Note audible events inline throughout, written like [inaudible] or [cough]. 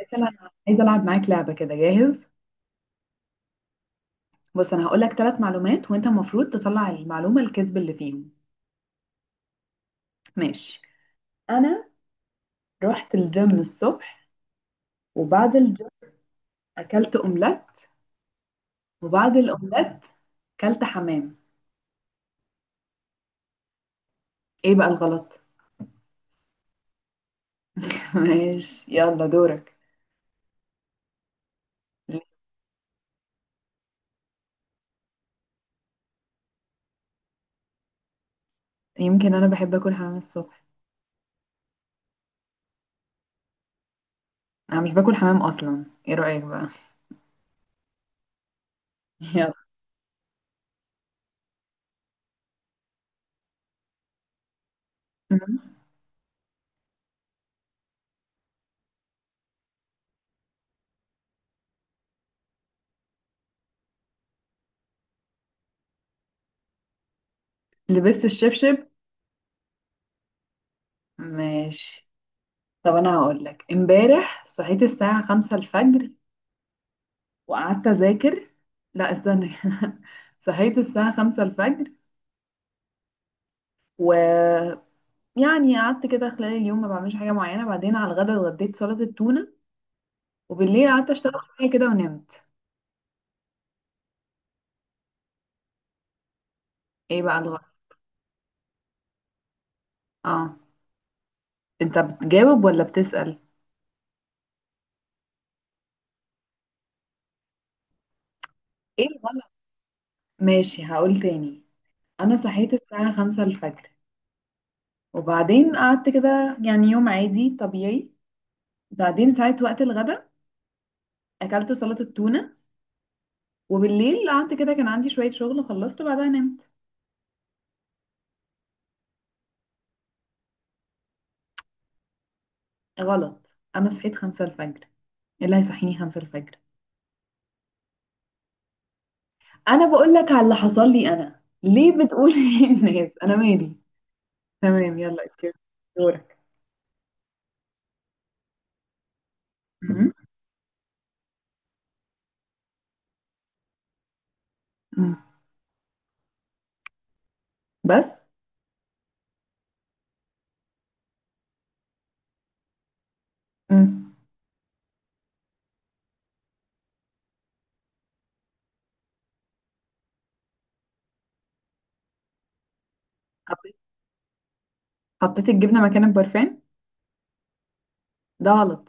مثلا، انا عايزه العب معاك لعبه كده. جاهز؟ بص، انا هقول لك ثلاث معلومات وانت المفروض تطلع المعلومه الكذب اللي فيهم. ماشي. انا رحت الجيم الصبح، وبعد الجيم اكلت اومليت، وبعد الاومليت اكلت حمام. ايه بقى الغلط؟ [laughs] ماشي، يلا دورك. يمكن انا بحب اكل حمام الصبح. انا مش باكل حمام اصلا. ايه رايك بقى؟ [laughs] يلا. مم. لبست الشبشب. ماشي. طب انا هقول لك امبارح صحيت الساعه 5 الفجر وقعدت اذاكر. لا استنى كده. [laughs] صحيت الساعة 5 الفجر، ويعني قعدت كده خلال اليوم ما بعملش حاجة معينة، بعدين على الغدا اتغديت سلطة التونة، وبالليل قعدت اشتغل شوية كده ونمت. ايه بقى الغلط؟ اه، انت بتجاوب ولا بتسأل؟ ايه الغلط؟ ماشي هقول تاني. انا صحيت الساعة 5 الفجر، وبعدين قعدت كده يعني يوم عادي طبيعي. بعدين ساعة وقت الغدا اكلت سلطة التونة، وبالليل قعدت كده كان عندي شوية شغل خلصت وبعدها نمت. غلط. انا صحيت 5 الفجر. إيه اللي هيصحيني 5 الفجر؟ انا بقول لك على اللي حصل لي، انا ليه بتقول [laughs] ايه الناس؟ انا مالي. تمام، يلا اوكي. دورك. مم. مم. بس. مم. حطيت حطيت الجبنة مكان البرفان. ده غلط.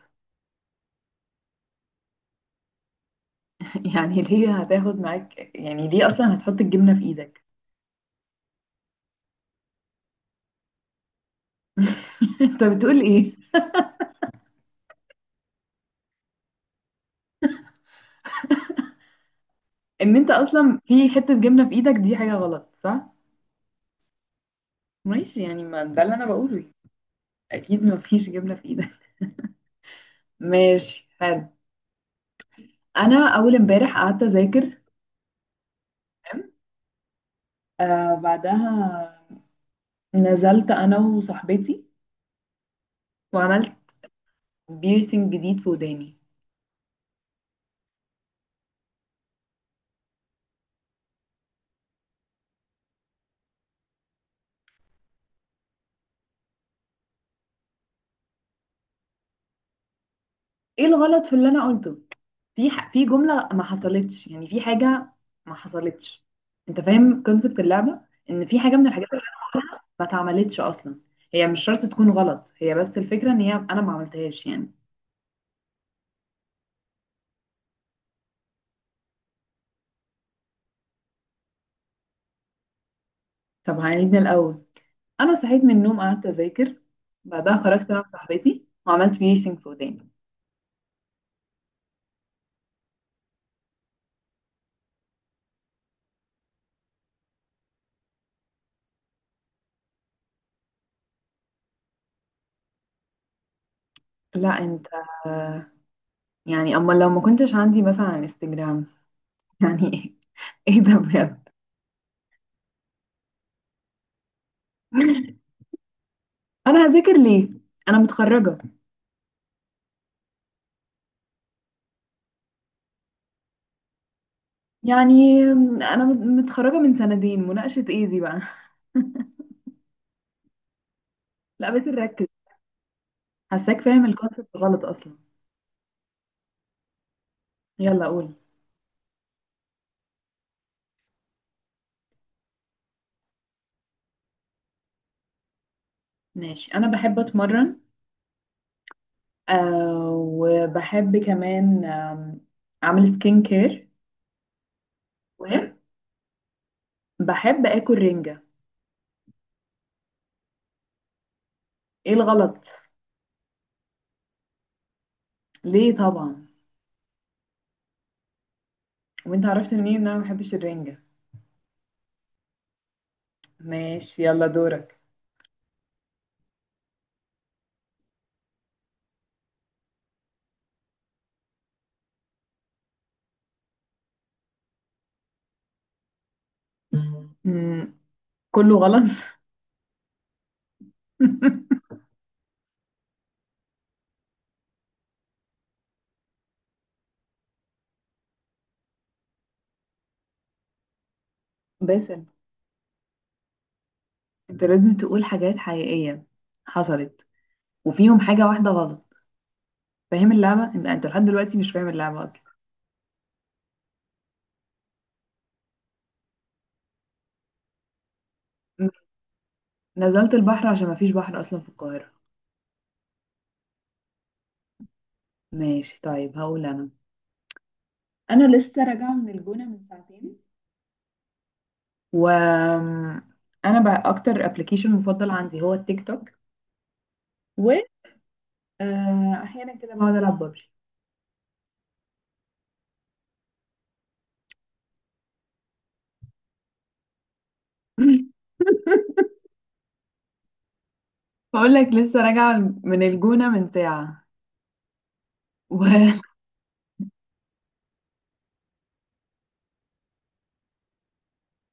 [laughs] يعني ليه هتاخد معاك، يعني ليه اصلا هتحط الجبنة في ايدك؟ [laughs] انت بتقول ايه؟ ان انت اصلا في حتة جبنة في ايدك دي حاجة غلط، صح؟ ماشي، يعني ما ده اللي انا بقوله. اكيد ما فيش جبنة في ايدك. [laughs] ماشي، حلو. انا اول امبارح قعدت اذاكر. تمام؟ آه، بعدها نزلت انا وصاحبتي وعملت بيرسينج جديد في وداني. ايه الغلط في اللي انا قلته؟ في جملة ما حصلتش، يعني في حاجة ما حصلتش. انت فاهم كونسبت اللعبة؟ ان في حاجة من الحاجات اللي ما اتعملتش اصلا. هي مش شرط تكون غلط، هي بس الفكرة ان هي انا ما عملتهاش يعني. طب هنعيد من الاول. انا صحيت من النوم قعدت اذاكر. بعدها خرجت انا وصاحبتي وعملت بيرسينج في وداني. لا انت. يعني أما لو ما كنتش عندي مثلا انستجرام. [laughs] يعني إيه ده بجد؟ أنا هذاكر ليه؟ أنا متخرجة. يعني أنا متخرجة من سنتين، مناقشة إيه دي بقى؟ [laughs] لا بس ركز. حاساك فاهم الكونسيبت غلط أصلا. يلا قول. ماشي، أنا بحب أتمرن. وبحب كمان أعمل سكين كير. وبحب آكل رنجة. إيه الغلط؟ ليه طبعا؟ وانت عرفت منين ان انا ما بحبش الرنجة؟ ماشي، يلا دورك. مم. كله غلط. [laughs] باسل. انت لازم تقول حاجات حقيقية حصلت، وفيهم حاجة واحدة غلط. فاهم اللعبة؟ انت لحد دلوقتي مش فاهم اللعبة اصلا. م- نزلت البحر عشان مفيش بحر اصلا في القاهرة. ماشي طيب، هقول انا. انا لسه راجعة من الجونة من ساعتين، و انا بقى اكتر ابلكيشن مفضل عندي هو التيك توك، و احيانا كده بقعد العب ببجي. [laughs] بقول لك لسه راجعة من الجونة من ساعة و [laughs]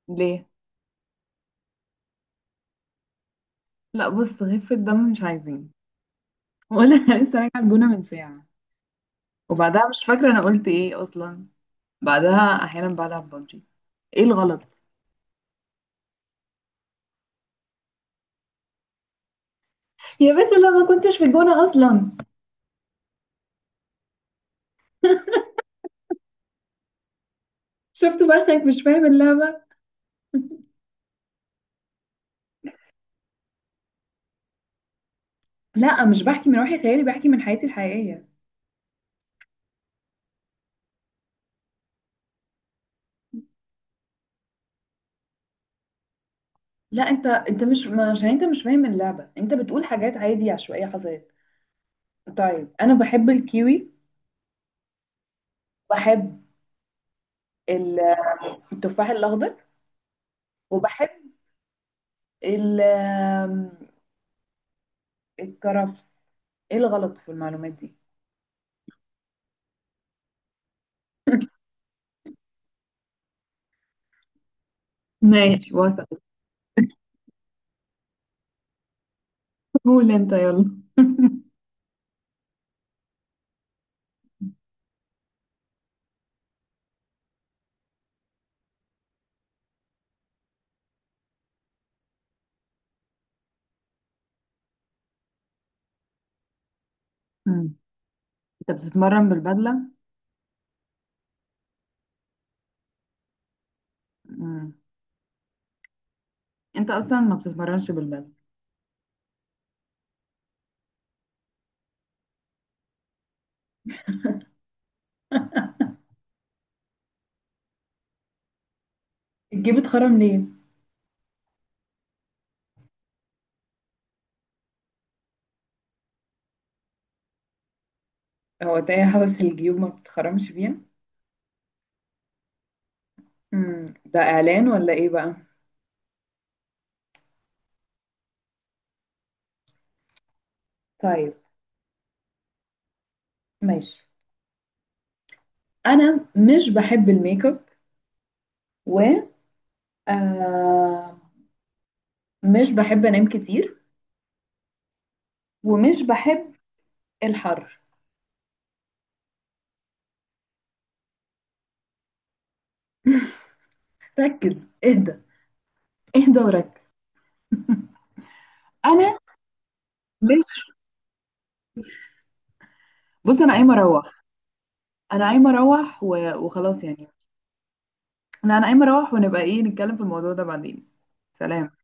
ليه؟ لا، بص، خفة الدم مش عايزين. ولا [laughs] أنا لسه راجعه الجونه من ساعه، وبعدها مش فاكره انا قلت ايه اصلا. بعدها احيانا بلعب ببجي. ايه الغلط؟ يا بس لا، ما كنتش في الجونه اصلا. شفت بقى؟ خايف مش فاهم اللعبه. لا، مش بحكي من وحي خيالي، بحكي من حياتي الحقيقيه. لا، انت مش عشان انت مش فاهم اللعبه، انت بتقول حاجات عادي عشوائيه حصلت. طيب، انا بحب الكيوي. بحب ال- التفاح الاخضر. وبحب ال- الكرفس. ايه الغلط في المعلومات دي؟ ماشي، قول انت يلا. [laughs] مم. انت بتتمرن بالبدله؟ مم. انت اصلا ما بتتمرنش بالبدله. [laughs] الجيب اتخرم ليه؟ هو تايه حبس الجيوب ما بتخرمش بيها؟ مم. ده اعلان ولا ايه بقى؟ طيب. ماشي، انا مش بحب الميك اب، و آه مش بحب انام كتير، ومش بحب الحر. ركز، اهدى. اهدى وركز. انا مش. بص، انا قايمه اروح. انا قايمه اروح و. وخلاص يعني. لا، انا قايمه اروح ونبقى ايه نتكلم في الموضوع ده بعدين. سلام.